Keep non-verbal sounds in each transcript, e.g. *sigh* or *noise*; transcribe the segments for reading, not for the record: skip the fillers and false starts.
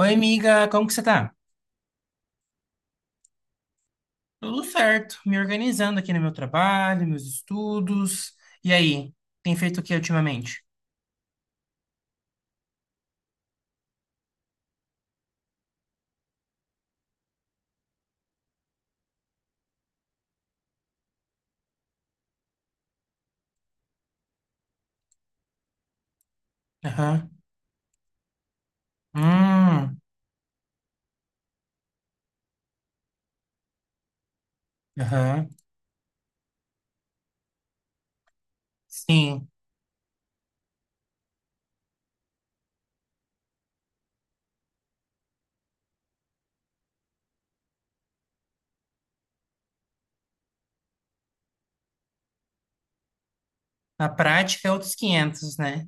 Oi, amiga, como que você tá? Tudo certo, me organizando aqui no meu trabalho, meus estudos. E aí, tem feito o que ultimamente? Aham. Hum, aham. Sim. Na prática é outros 500, né?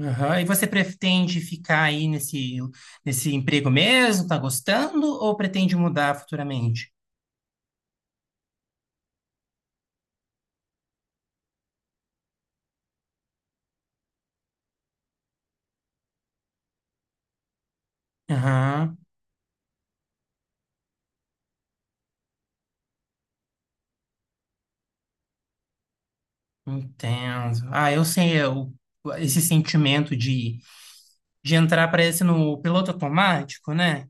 Aham. E você pretende ficar aí nesse emprego mesmo? Tá gostando? Ou pretende mudar futuramente? Aham. Entendo. Ah, esse sentimento de entrar, parece, no piloto automático, né?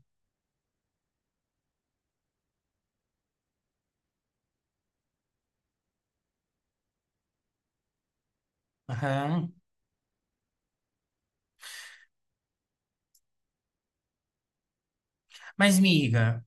Aham. Mas, miga,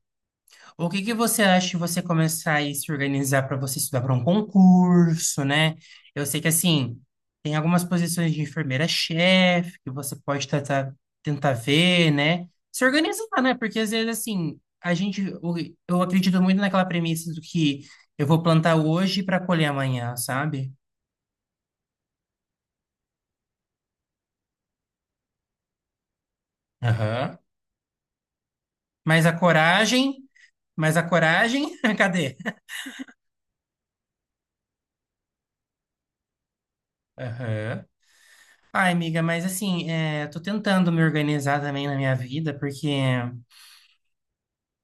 o que que você acha de você começar a se organizar para você estudar para um concurso, né? Eu sei que, assim, tem algumas posições de enfermeira-chefe que você pode tentar ver, né? Se organizar, né? Porque, às vezes, assim, eu acredito muito naquela premissa do que eu vou plantar hoje para colher amanhã, sabe? Aham. Mas a coragem... Mas a coragem... *laughs* Cadê? Aham. Ai, amiga, mas assim, é, tô tentando me organizar também na minha vida, porque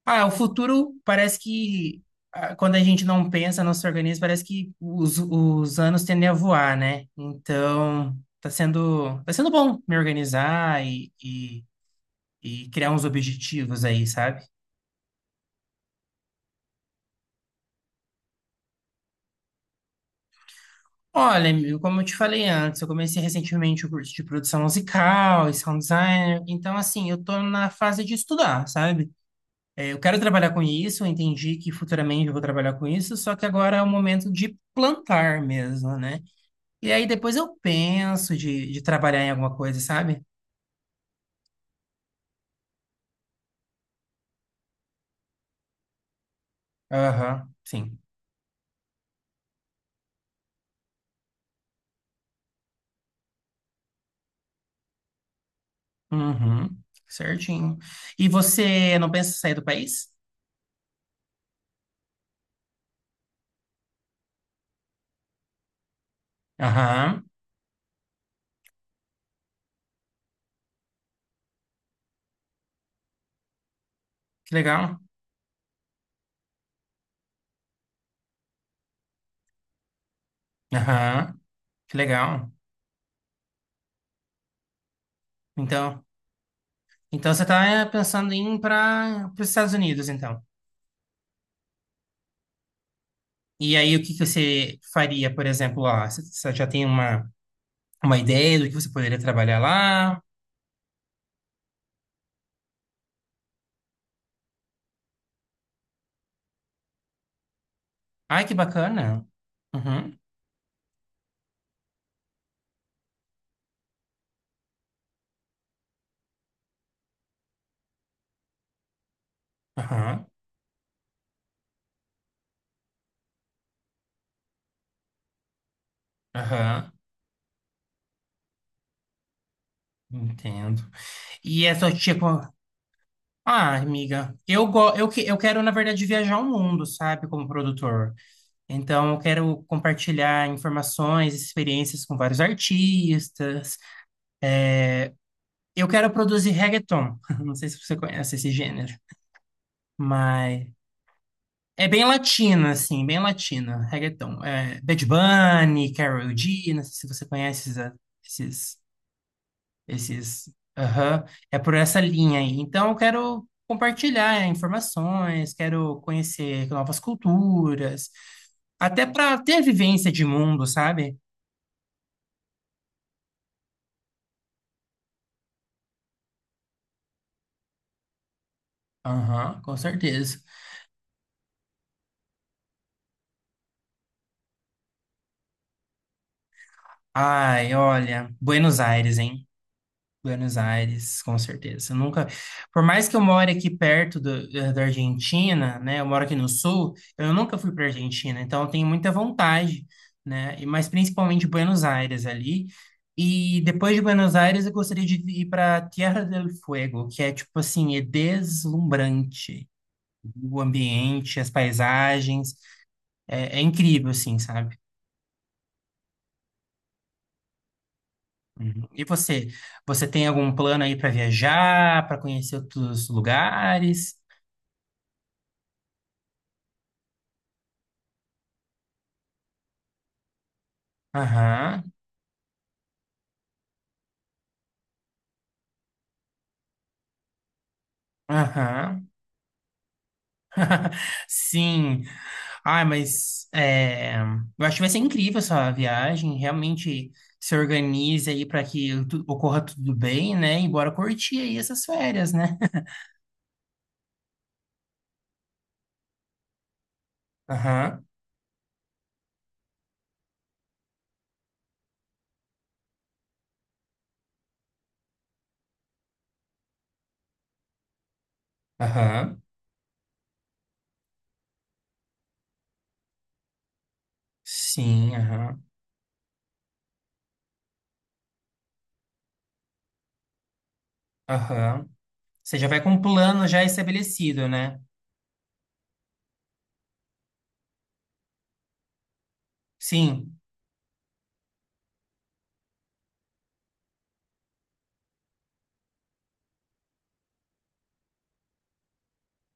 o futuro parece que quando a gente não pensa, não se organiza, parece que os anos tendem a voar, né? Então, tá sendo bom me organizar e criar uns objetivos aí, sabe? Olha, amigo, como eu te falei antes, eu comecei recentemente o curso de produção musical e sound design, então assim, eu tô na fase de estudar, sabe? É, eu quero trabalhar com isso, eu entendi que futuramente eu vou trabalhar com isso, só que agora é o momento de plantar mesmo, né? E aí depois eu penso de trabalhar em alguma coisa, sabe? Aham, sim. Uhum, certinho. E você não pensa em sair do país? Aham, que legal. Aham, que legal. Então, então você está pensando em ir para os Estados Unidos, então. E aí o que que você faria, por exemplo, lá? Você já tem uma ideia do que você poderia trabalhar lá? Ai, que bacana. Uhum, aham, aham, entendo. E essa tia... co- Ah, amiga, eu quero, na verdade, viajar o mundo, sabe, como produtor. Então, eu quero compartilhar informações, experiências com vários artistas. Eu quero produzir reggaeton. *laughs* Não sei se você conhece esse gênero, mas... É bem latina, assim, bem latina, reggaeton. É, Bad Bunny, Karol G, não sei se você conhece esses esses. Aham. É por essa linha aí. Então, eu quero compartilhar é, informações, quero conhecer novas culturas, até para ter vivência de mundo, sabe? Aham, com certeza. Ai, olha, Buenos Aires, hein? Buenos Aires, com certeza. Eu nunca, por mais que eu more aqui perto do- eh, da Argentina, né? Eu moro aqui no sul, eu nunca fui para Argentina, então eu tenho muita vontade, né? E mas principalmente Buenos Aires ali. E depois de Buenos Aires, eu gostaria de ir para Tierra del Fuego, que é tipo assim, é deslumbrante. O ambiente, as paisagens, é incrível, assim, sabe? Uhum. Você tem algum plano aí para viajar, para conhecer outros lugares? Aham, aham. Sim. Ai, eu acho que vai ser incrível essa viagem. Realmente se organize aí ocorra tudo bem, né? E bora curtir aí essas férias, né? *laughs* Aham, aham. Sim, aham, aham. Você já vai com um plano já estabelecido, né? Sim.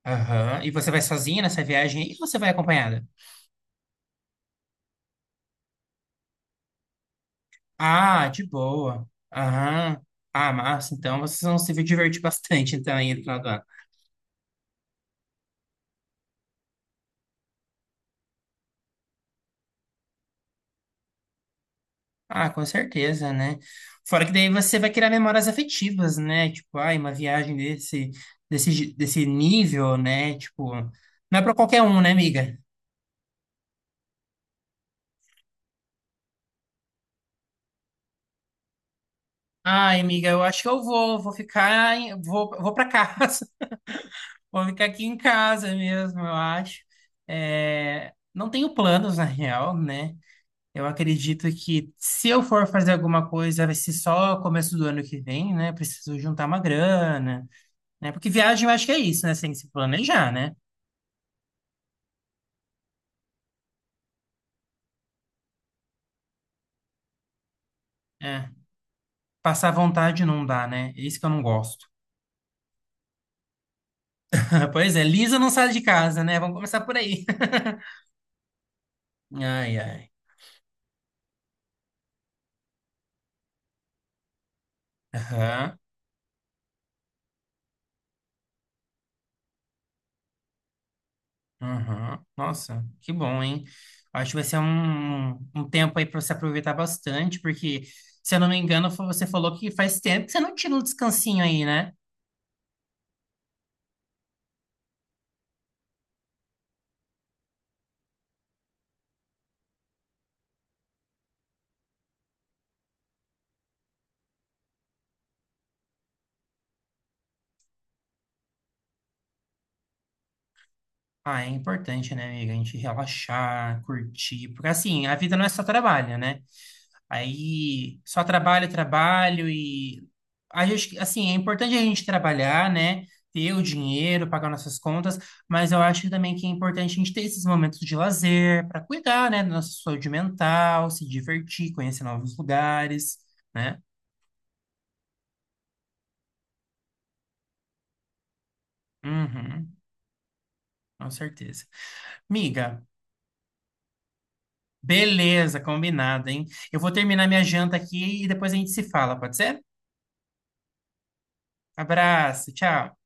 Aham. E você vai sozinha nessa viagem aí ou você vai acompanhada? Ah, de boa. Aham. Ah, massa. Então vocês vão se divertir bastante, então, aí no final do ano. Ah, com certeza, né? Fora que daí você vai criar memórias afetivas, né? Tipo, ai, uma viagem desse nível, né? Tipo, não é pra qualquer um, né, amiga? Ai, amiga, eu acho que vou ficar, vou para casa, *laughs* vou ficar aqui em casa mesmo, eu acho. É, não tenho planos, na real, né? Eu acredito que se eu for fazer alguma coisa, vai ser só começo do ano que vem, né? Preciso juntar uma grana. Né? Porque viagem eu acho que é isso, né? Você tem que se planejar, né? É. Passar vontade não dá, né? É isso que eu não gosto. *laughs* Pois é, Lisa não sai de casa, né? Vamos começar por aí. *laughs* Ai, ai. Aham, aham. Nossa, que bom, hein? Acho que vai ser um tempo aí para você aproveitar bastante, porque, se eu não me engano, você falou que faz tempo que você não tira um descansinho aí, né? Ah, é importante, né, amiga? A gente relaxar, curtir. Porque, assim, a vida não é só trabalho, né? Aí só trabalho, trabalho e a gente, assim, é importante a gente trabalhar, né? Ter o dinheiro, pagar nossas contas, mas eu acho também que é importante a gente ter esses momentos de lazer para cuidar, né, da nossa saúde mental, se divertir, conhecer novos lugares, né? Uhum, com certeza. Miga, beleza, combinado, hein? Eu vou terminar minha janta aqui e depois a gente se fala, pode ser? Abraço, tchau.